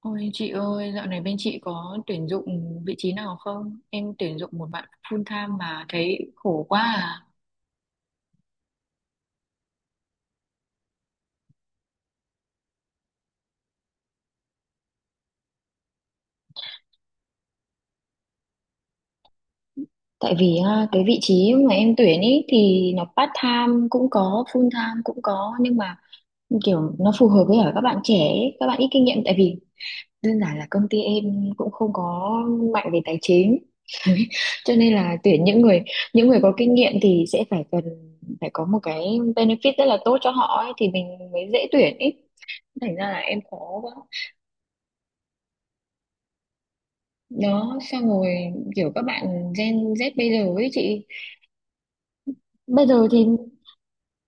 Ôi chị ơi, dạo này bên chị có tuyển dụng vị trí nào không? Em tuyển dụng một bạn full time mà thấy khổ quá à. Tại vì cái vị trí mà em tuyển ý thì nó part time cũng có, full time cũng có, nhưng mà kiểu nó phù hợp với ở các bạn trẻ, ấy, các bạn ít kinh nghiệm, tại vì đơn giản là công ty em cũng không có mạnh về tài chính. Cho nên là tuyển những người có kinh nghiệm thì sẽ phải cần phải có một cái benefit rất là tốt cho họ ấy, thì mình mới dễ tuyển ý. Thành ra là em khó quá. Đó, xong rồi kiểu các bạn Gen Z bây giờ ấy chị, bây giờ thì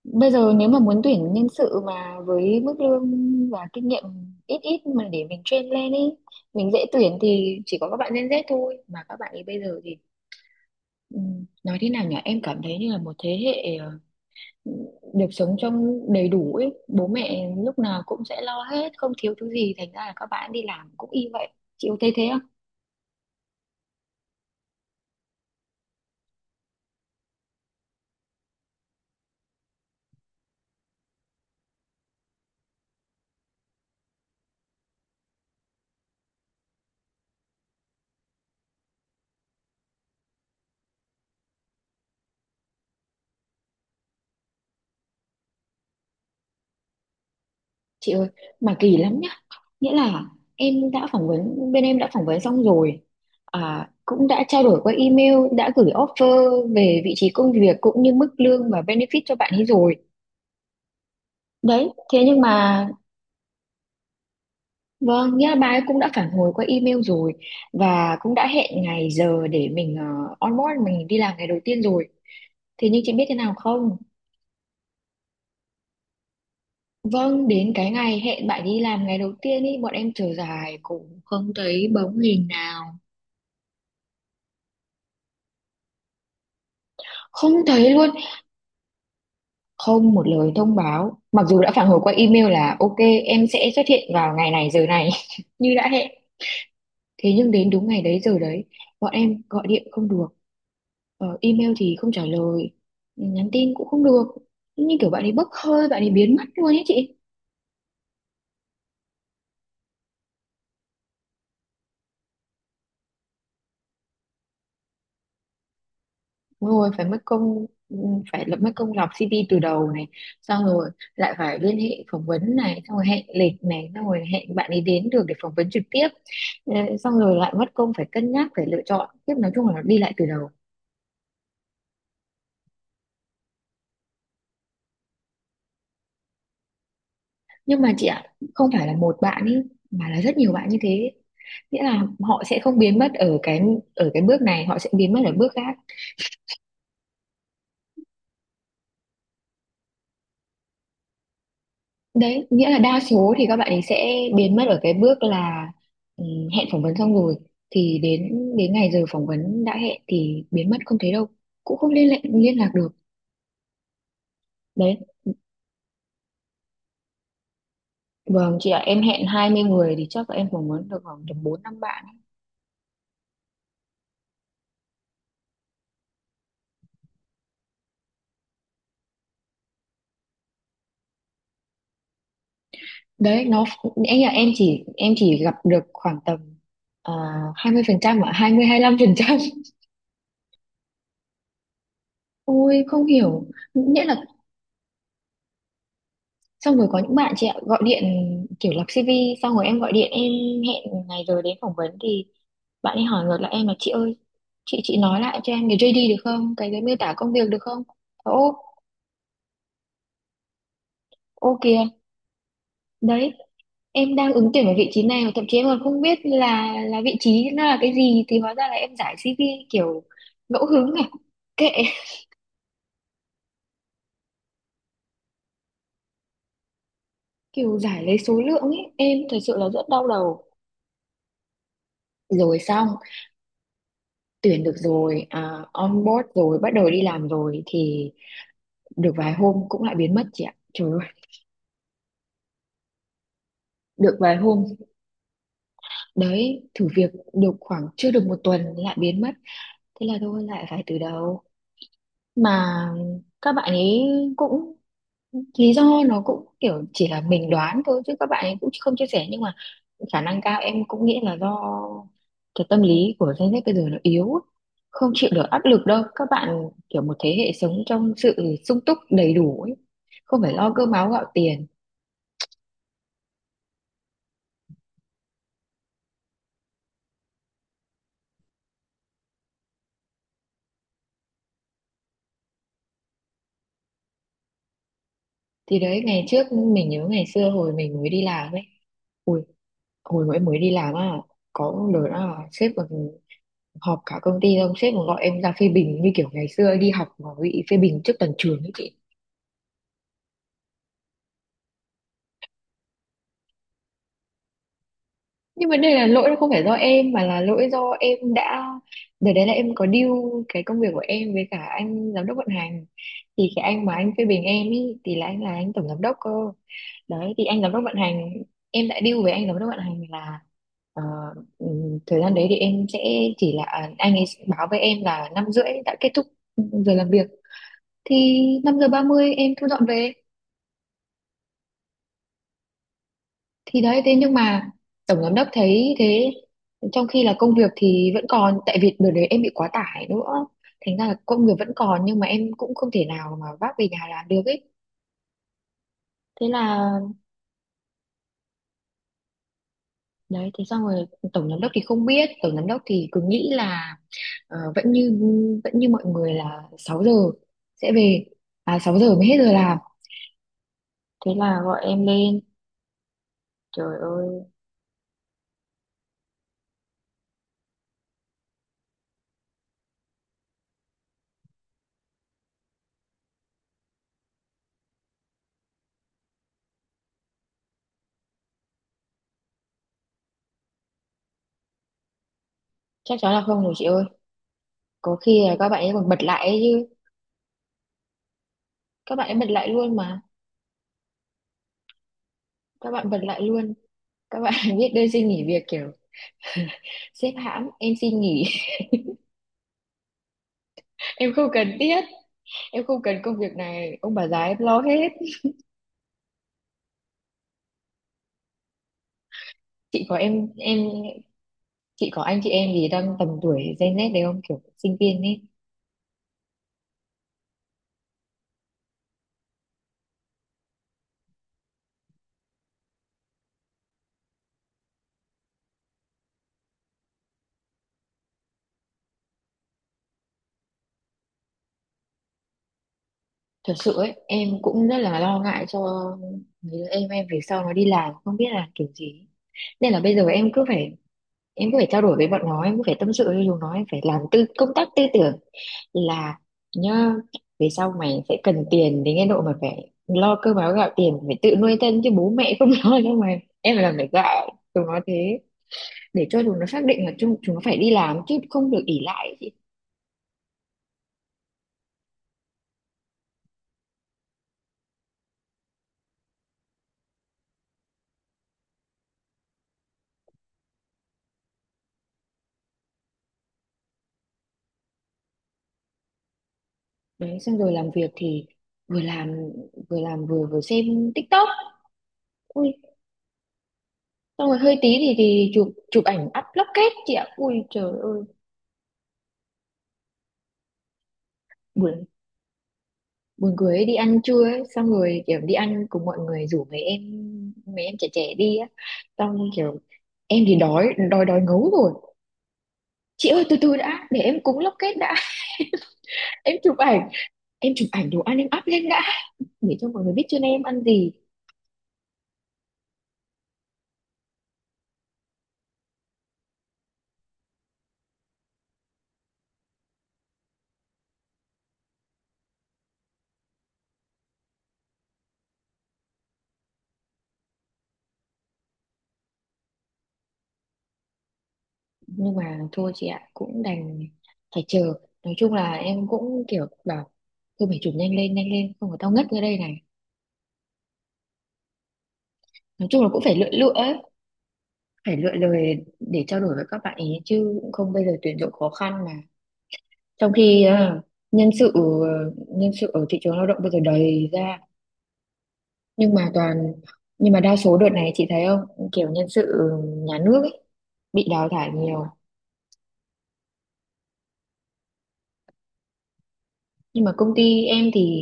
bây giờ nếu mà muốn tuyển nhân sự mà với mức lương và kinh nghiệm ít ít mà để mình train lên ấy, mình dễ tuyển thì chỉ có các bạn Gen Z thôi, mà các bạn ấy bây giờ thì ừ, nói thế nào nhỉ, em cảm thấy như là một thế hệ được sống trong đầy đủ ấy, bố mẹ lúc nào cũng sẽ lo hết, không thiếu thứ gì, thành ra là các bạn đi làm cũng y vậy. Chị có thấy thế không? Chị ơi, mà kỳ lắm nhá, nghĩa là em đã phỏng vấn, xong rồi à, cũng đã trao đổi qua email, đã gửi offer về vị trí công việc cũng như mức lương và benefit cho bạn ấy rồi. Đấy, thế nhưng mà vâng, nghĩa là bà ấy cũng đã phản hồi qua email rồi, và cũng đã hẹn ngày giờ để mình onboard, mình đi làm ngày đầu tiên rồi. Thế nhưng chị biết thế nào không? Vâng, đến cái ngày hẹn bạn đi làm ngày đầu tiên ý, bọn em chờ dài cũng không thấy bóng hình nào, không thấy luôn. Không một lời thông báo, mặc dù đã phản hồi qua email là ok, em sẽ xuất hiện vào ngày này giờ này như đã hẹn. Thế nhưng đến đúng ngày đấy giờ đấy, bọn em gọi điện không được, email thì không trả lời, nhắn tin cũng không được, như kiểu bạn ấy bốc hơi, bạn ấy biến mất luôn ấy chị. Đúng rồi, phải mất công. Ừ, phải lập, mất công lọc CV từ đầu này, xong rồi lại phải liên hệ phỏng vấn này, xong rồi hẹn lịch này, xong rồi hẹn bạn ấy đến được để phỏng vấn trực tiếp. Ờ, xong rồi lại mất công phải cân nhắc, phải lựa chọn tiếp, nói chung là nó đi lại từ đầu. Nhưng mà chị ạ, không phải là một bạn ấy, mà là rất nhiều bạn như thế. Nghĩa là họ sẽ không biến mất ở cái bước này, họ sẽ biến mất ở bước khác. Đấy, nghĩa là đa số thì các bạn ấy sẽ biến mất ở cái bước là ừ, hẹn phỏng vấn xong rồi thì đến đến ngày giờ phỏng vấn đã hẹn thì biến mất không thấy đâu, cũng không liên lạc được. Đấy, vâng, chị ạ, em hẹn 20 người thì chắc là em phỏng vấn được khoảng tầm bốn năm bạn. Đấy, nó, em nghĩ là em chỉ gặp được khoảng tầm à, 20% ạ, 20-25%. Ôi không hiểu, nghĩa là xong rồi có những bạn chị ạ, gọi điện kiểu lập CV xong rồi em gọi điện, em hẹn ngày rồi đến phỏng vấn thì bạn ấy hỏi ngược lại em là chị ơi, chị nói lại cho em cái JD được không, cái miêu tả công việc được không. Ô, ô kìa, đấy, em đang ứng tuyển ở vị trí này mà thậm chí em còn không biết là vị trí nó là cái gì, thì hóa ra là em giải CV kiểu ngẫu hứng này, kệ, kiểu giải lấy số lượng ấy. Em thật sự là rất đau đầu. Rồi xong, tuyển được rồi à, on board rồi, bắt đầu đi làm rồi thì được vài hôm cũng lại biến mất chị ạ, trời ơi. Được vài hôm Đấy, thử việc được khoảng chưa được một tuần lại biến mất. Thế là thôi lại phải từ đầu. Mà các bạn ấy cũng, lý do nó cũng kiểu chỉ là mình đoán thôi chứ các bạn ấy cũng không chia sẻ, nhưng mà khả năng cao em cũng nghĩ là do cái tâm lý của Gen Z bây giờ nó yếu ấy. Không chịu được áp lực đâu, các bạn kiểu một thế hệ sống trong sự sung túc đầy đủ ấy, không phải lo cơm áo gạo tiền. Thì đấy, ngày trước mình nhớ ngày xưa hồi mình mới đi làm ấy, ui, hồi mà em mới đi làm á, có lần là sếp còn họp cả công ty xong sếp còn gọi em ra phê bình như kiểu ngày xưa đi học mà bị phê bình trước toàn trường ấy chị. Nhưng mà đây là lỗi nó không phải do em, mà là lỗi do em đã, đợt đấy là em có deal cái công việc của em với cả anh giám đốc vận hành, thì cái anh mà anh phê bình em ý thì là anh, là anh tổng giám đốc cơ. Đấy, thì anh giám đốc vận hành, em đã deal với anh giám đốc vận hành là ờ, thời gian đấy thì em sẽ chỉ là, à, anh ấy báo với em là năm rưỡi đã kết thúc giờ làm việc, thì 5:30 em thu dọn về. Thì đấy, thế nhưng mà tổng giám đốc thấy thế, trong khi là công việc thì vẫn còn, tại vì đợt đấy em bị quá tải nữa, thành ra là công việc vẫn còn nhưng mà em cũng không thể nào mà vác về nhà làm được ấy. Thế là đấy, thế xong rồi, tổng giám đốc thì không biết, tổng giám đốc thì cứ nghĩ là ờ, vẫn như mọi người là 6 giờ sẽ về, à 6 giờ mới hết giờ làm. Thế là gọi em lên. Trời ơi, chắc chắn là không rồi chị ơi, có khi là các bạn ấy còn bật lại ấy chứ. Các bạn ấy bật lại luôn mà, các bạn bật lại luôn, các bạn biết đơn xin nghỉ việc kiểu sếp hãm em xin nghỉ, em không cần thiết, em không cần công việc này, ông bà già em lo hết. chị có em em chị có anh chị em gì đang tầm tuổi Gen Z đấy không, kiểu sinh viên ấy? Thật sự ấy, em cũng rất là lo ngại cho mấy đứa em về sau nó đi làm không biết là kiểu gì. Nên là bây giờ em cứ phải, trao đổi với bọn nó, em cứ phải tâm sự với chúng nó, em phải làm tư, công tác tư tưởng là nhá, về sau mày sẽ cần tiền đến cái độ mà phải lo cơm áo gạo tiền, phải tự nuôi thân chứ bố mẹ không lo đâu mày. Em phải làm, phải gạo chúng nó thế để cho chúng nó xác định là chúng nó phải đi làm chứ không được ỷ lại ấy chị. Đấy, xong rồi làm việc thì vừa làm vừa làm vừa vừa xem TikTok. Ui, xong rồi hơi tí thì chụp, ảnh up lóc kết chị ạ, ui trời ơi, buồn buồn cười ấy. Đi ăn trưa ấy, xong rồi kiểu đi ăn cùng mọi người, rủ mấy em, trẻ trẻ đi á, xong kiểu em thì đói, đói đói ngấu rồi. Chị ơi, từ từ đã để em cúng lóc kết đã, em chụp ảnh, đồ ăn em up lên đã, để cho mọi người biết trên em ăn gì. Nhưng mà thôi chị ạ, cũng đành phải chờ, nói chung là em cũng kiểu bảo thôi mày chụp nhanh lên, nhanh lên, không có tao ngất ra đây này. Nói chung là cũng phải lựa lựa ấy, phải lựa lời để trao đổi với các bạn ý, chứ không bây giờ tuyển dụng khó khăn mà. Trong khi à, nhân sự ờ, nhân sự ở thị trường lao động bây giờ đầy ra, nhưng mà toàn, nhưng mà đa số đợt này chị thấy không, kiểu nhân sự nhà nước ấy, bị đào thải nhiều. Nhưng mà công ty em thì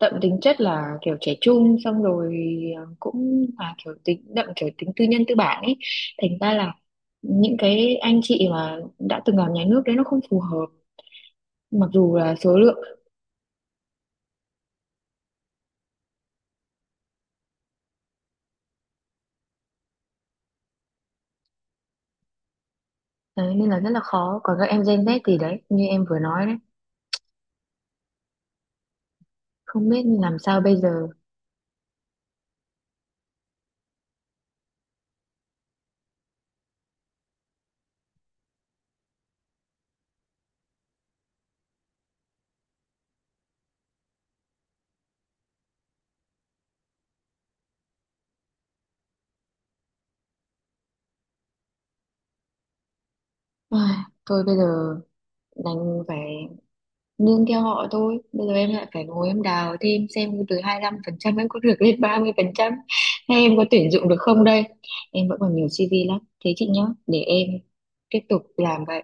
đậm tính chất là kiểu trẻ trung, xong rồi à, cũng là kiểu tính đậm, kiểu tính tư nhân tư bản ấy, thành ra là những cái anh chị mà đã từng làm nhà nước đấy nó không phù hợp, mặc dù là số lượng. Đấy, nên là rất là khó. Còn các em Gen Z thì đấy, như em vừa nói đấy, không biết làm sao bây giờ. Ai, thôi bây giờ đành phải nương theo họ thôi. Bây giờ em lại phải ngồi em đào thêm xem từ 25% em có được lên 30%, hay em có tuyển dụng được không đây. Em vẫn còn nhiều CV lắm. Thế chị nhá, để em tiếp tục làm vậy.